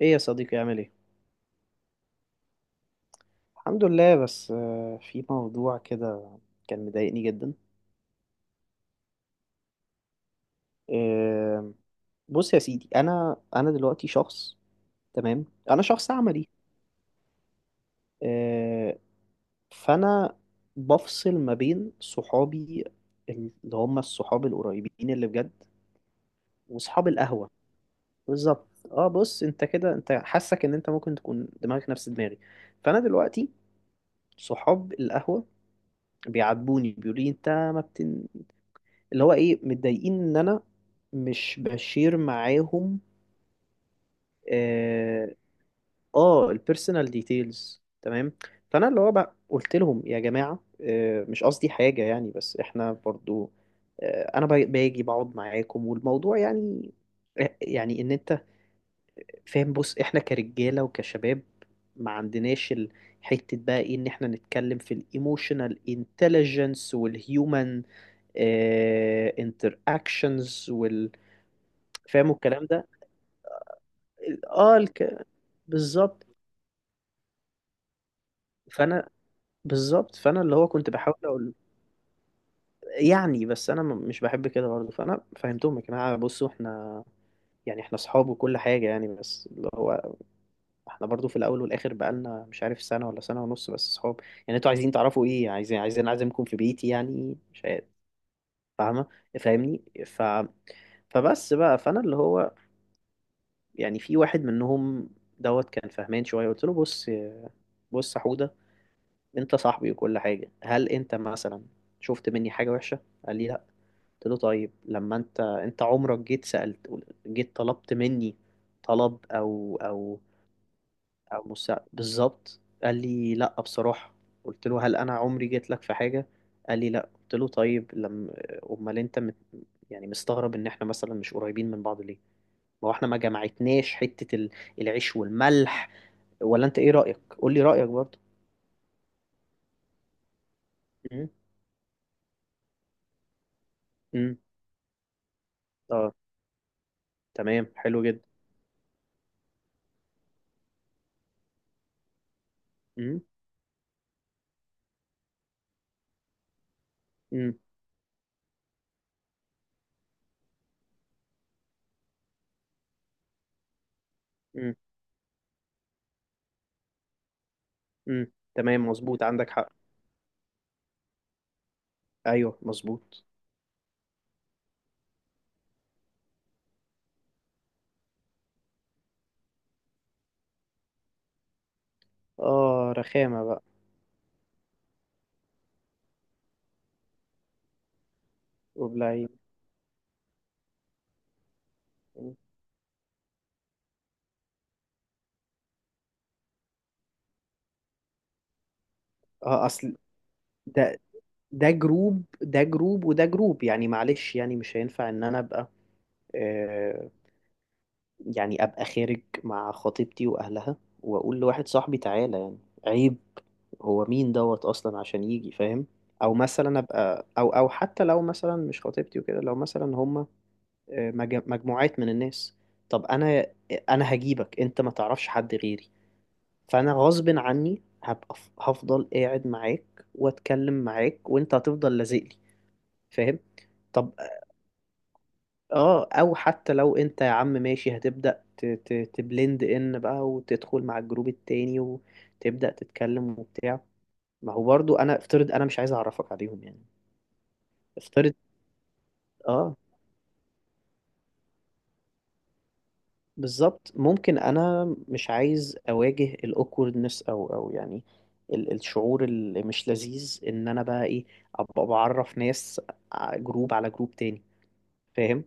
ايه يا صديقي، عامل ايه؟ الحمد لله. بس في موضوع كده كان مضايقني جدا. آه، بص يا سيدي، انا دلوقتي شخص. تمام، انا شخص عملي. آه، فانا بفصل ما بين صحابي، اللي هم الصحاب القريبين اللي بجد، وصحاب القهوة. بالظبط. اه، بص، انت كده انت حاسك ان انت ممكن تكون دماغك نفس دماغي. فانا دلوقتي صحاب القهوة بيعاتبوني، بيقولوا لي انت ما اللي هو ايه، متضايقين ان انا مش بشير معاهم. اه, البيرسونال ديتيلز، تمام. فانا اللي هو بقى قلت لهم يا جماعه، مش قصدي حاجه يعني، بس احنا برضو، انا باجي بقعد معاكم، والموضوع يعني، يعني ان انت فاهم. بص، احنا كرجاله وكشباب، ما عندناش حته بقى، ايه ان احنا نتكلم في الايموشنال انتليجنس والهيومن انتر اكشنز. فاهموا الكلام ده؟ اه الك... بالظبط. فانا فانا اللي هو كنت بحاول اقول يعني. بس انا مش بحب كده برضه. فانا فهمتهم، يا جماعه بصوا، احنا يعني احنا اصحاب وكل حاجه يعني، بس اللي هو احنا برضه في الاول والاخر بقالنا مش عارف سنه ولا سنه ونص، بس اصحاب يعني. انتوا عايزين تعرفوا ايه؟ عايزين اعزمكم في بيتي يعني؟ مش عارف. فاهمه؟ فاهمني؟ فبس بقى، فانا اللي هو يعني في واحد منهم دوت كان فهمان شويه. قلت له بص، بص يا حوده، انت صاحبي وكل حاجة. هل انت مثلا شفت مني حاجة وحشة؟ قال لي لا. قلت له طيب، لما انت عمرك جيت سألت، جيت طلبت مني طلب، او مساعدة؟ بالظبط. قال لي لا بصراحة. قلت له هل انا عمري جيت لك في حاجة؟ قال لي لا. قلت له طيب لما، امال انت مت... يعني مستغرب ان احنا مثلا مش قريبين من بعض ليه؟ ما هو احنا ما جمعتناش حتة العيش والملح. ولا انت ايه رأيك؟ قول لي رأيك برضه. امم امم اه، تمام، حلو جدا. امم امم امم تمام، مظبوط، عندك حق. ايوه، مظبوط. اه، رخامه بقى. وبلاي. اه، اصل ده ده جروب، ده جروب، وده جروب، يعني معلش، يعني مش هينفع ان انا ابقى، آه يعني ابقى خارج مع خطيبتي واهلها واقول لواحد صاحبي تعالى؟ يعني عيب. هو مين دوت اصلا عشان يجي فاهم؟ او مثلا ابقى، او او حتى لو مثلا مش خطيبتي وكده، لو مثلا هما مجموعات من الناس. طب انا هجيبك انت ما تعرفش حد غيري. فانا غصب عني هبقى هفضل قاعد معاك واتكلم معاك، وانت هتفضل لازق لي، فاهم؟ طب، اه، او حتى لو انت يا عم ماشي، هتبدأ تبلند ان بقى، وتدخل مع الجروب التاني وتبدأ تتكلم وبتاع. ما هو برضو انا افترض انا مش عايز اعرفك عليهم يعني. افترض. اه، بالظبط. ممكن انا مش عايز اواجه الاوكوردنس، او او يعني الشعور اللي مش لذيذ، ان انا بقى ايه، ابقى بعرف ناس جروب على جروب تاني، فاهم؟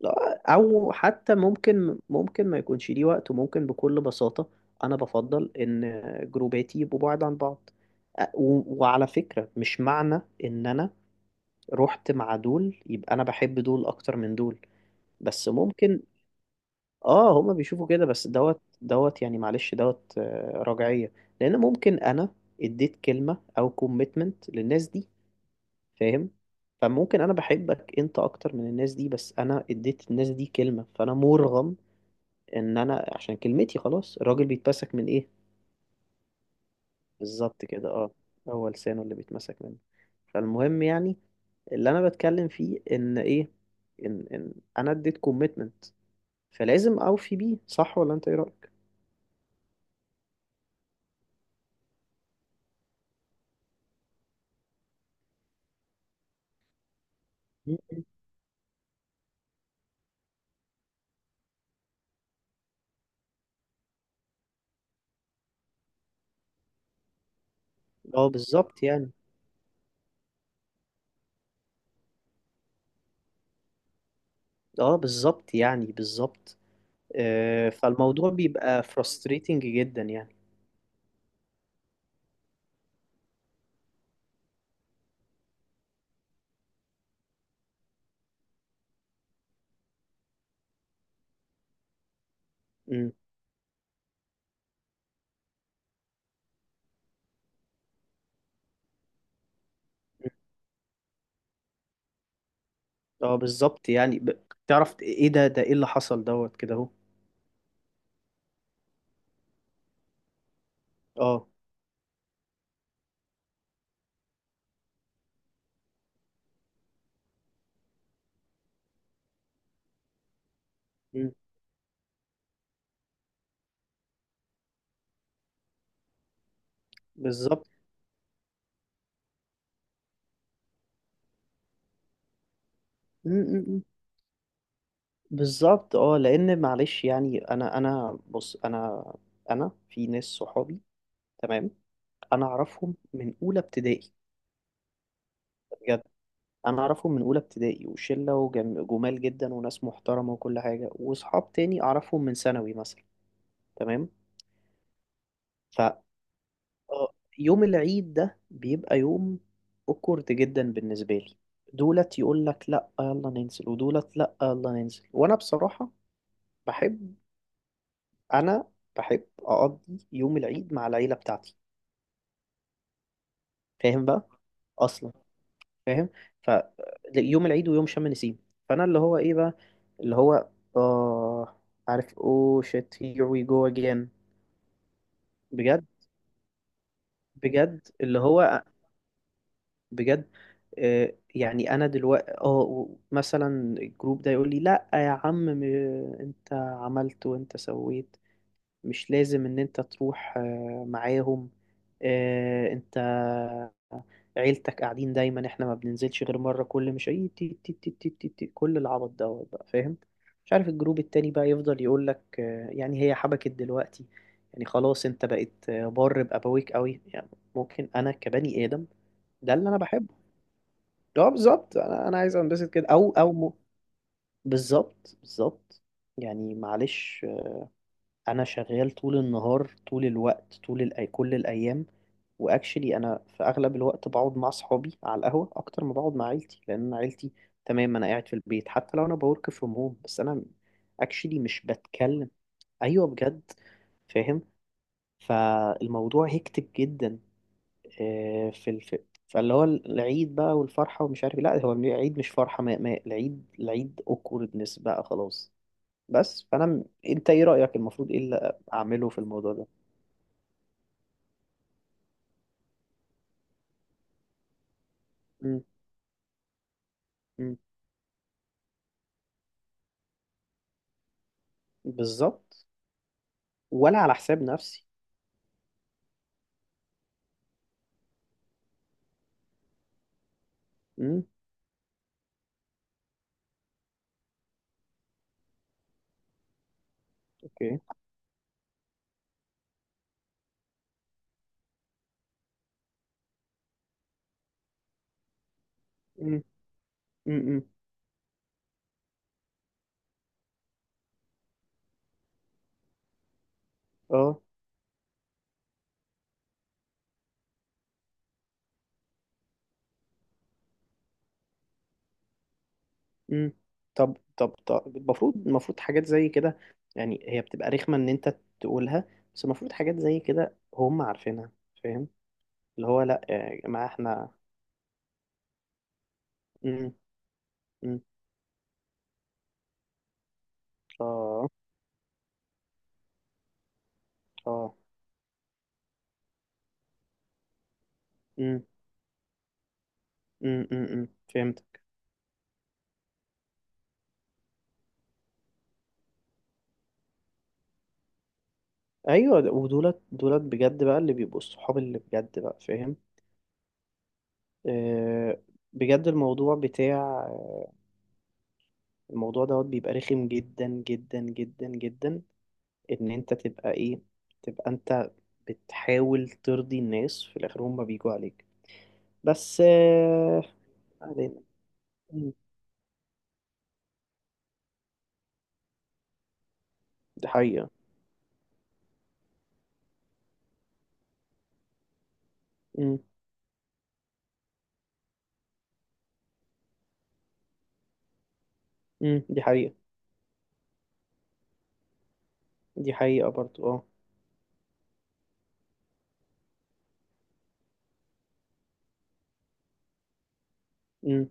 لا، او حتى ممكن ما يكونش ليه وقت، وممكن بكل بساطة انا بفضل ان جروباتي يبقوا بعاد عن بعض. وعلى فكرة، مش معنى ان انا رحت مع دول يبقى انا بحب دول اكتر من دول. بس ممكن، اه، هما بيشوفوا كده. بس دوت يعني معلش، دوت، رجعية. لان ممكن انا اديت كلمة او كوميتمنت للناس دي، فاهم؟ فممكن انا بحبك انت اكتر من الناس دي، بس انا اديت الناس دي كلمة، فانا مرغم، ان انا عشان كلمتي. خلاص، الراجل بيتمسك من ايه؟ بالظبط كده، اه. هو لسانه اللي بيتمسك منه. فالمهم يعني، اللي انا بتكلم فيه ان ايه، ان انا اديت كوميتمنت، فلازم اوفي بيه. صح ولا انت ايه رأيك؟ اه، بالظبط يعني. بالظبط. آه، فالموضوع بيبقى frustrating جدا يعني. امم اه، بالظبط يعني، تعرف ايه، ده ايه اللي حصل دوت كده، اهو. اه. مم. بالظبط. مم، مم، مم. بالظبط، اه. لان معلش يعني، انا بص، انا في ناس صحابي، تمام، انا اعرفهم من اولى ابتدائي. بجد، انا اعرفهم من اولى ابتدائي، وشله جمال جدا، وناس محترمه وكل حاجه. واصحاب تاني اعرفهم من ثانوي مثلا، تمام. ف آه، يوم العيد ده بيبقى يوم اوكورد جدا بالنسبه لي. دولت يقول لك لا، يلا ننزل، ودولت لا، يلا ننزل. وانا بصراحه بحب، انا بحب اقضي يوم العيد مع العيله بتاعتي، فاهم بقى؟ اصلا، فاهم؟ ف يوم العيد، ويوم شم النسيم، فانا اللي هو ايه بقى، اللي هو، اه، عارف، اوه شيت، هير وي جو اجين. بجد. بجد، اللي هو، بجد. يعني انا دلوقتي اه مثلا، الجروب ده يقول لي، لا يا عم، انت عملت وانت سويت، مش لازم ان انت تروح معاهم. انت عيلتك قاعدين دايما، احنا ما بننزلش غير مرة كل، مش اي تي تي تي تي تي تي، كل العبط دوت بقى، فاهم؟ مش عارف الجروب التاني بقى يفضل يقول لك، يعني هي حبكت دلوقتي، يعني خلاص انت بقيت بار بأبويك قوي يعني. ممكن انا، كبني آدم، ده اللي انا بحبه. اه، بالظبط. انا عايز انبسط كده، بالظبط، بالظبط. يعني معلش، انا شغال طول النهار، طول الوقت، كل الايام. واكشلي انا في اغلب الوقت بقعد مع اصحابي على القهوه اكتر ما بقعد مع عيلتي، لان أنا عيلتي، تمام، انا قاعد في البيت حتى لو انا بورك فروم هوم. بس انا اكشلي مش بتكلم. ايوه، بجد، فاهم؟ فالموضوع هيكتك جدا. آه، في الف... فاللي هو العيد بقى والفرحة ومش عارف إيه. لا، هو العيد مش فرحة. ما... ما... العيد awkwardness بقى، خلاص. بس فأنا أنت إيه رأيك، المفروض إيه اللي أعمله في الموضوع ده؟ مم. مم. بالظبط. ولا على حساب نفسي. مم. أوكي. مم. مم. مم. أه. مم. طب، طب، طب، المفروض حاجات زي كده، يعني هي بتبقى رخمة إن أنت تقولها، بس المفروض حاجات زي كده هم عارفينها، فاهم؟ اللي هو لا يا جماعة، إحنا. مم. مم. اه. اه. امم امم، فهمتك. ايوه، ودولت، بجد بقى، اللي بيبقوا الصحاب اللي بجد بقى، فاهم؟ آه، بجد. الموضوع دوت بيبقى رخم، جدا جدا جدا جدا، ان انت تبقى ايه، تبقى انت بتحاول ترضي الناس، في الاخر هم بيجوا عليك. بس آه، بعدين. مم. دي حقيقة. مم. مم. دي حقيقة. دي حقيقة برضو، اه. مم.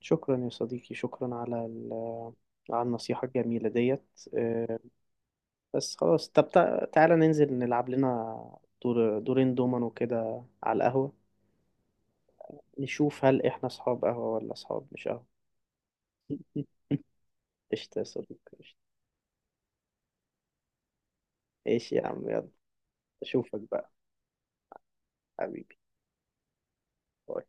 شكرا يا صديقي، شكرا على على النصيحة الجميلة ديت. آه، بس خلاص، طب تعالى ننزل نلعب لنا دور، دورين دومينو كده على القهوة. نشوف هل احنا اصحاب قهوة ولا اصحاب مش قهوة. قشطة يا صديقي، قشطة. ايش يا عم، يلا. اشوفك بقى، حبيبي. باي.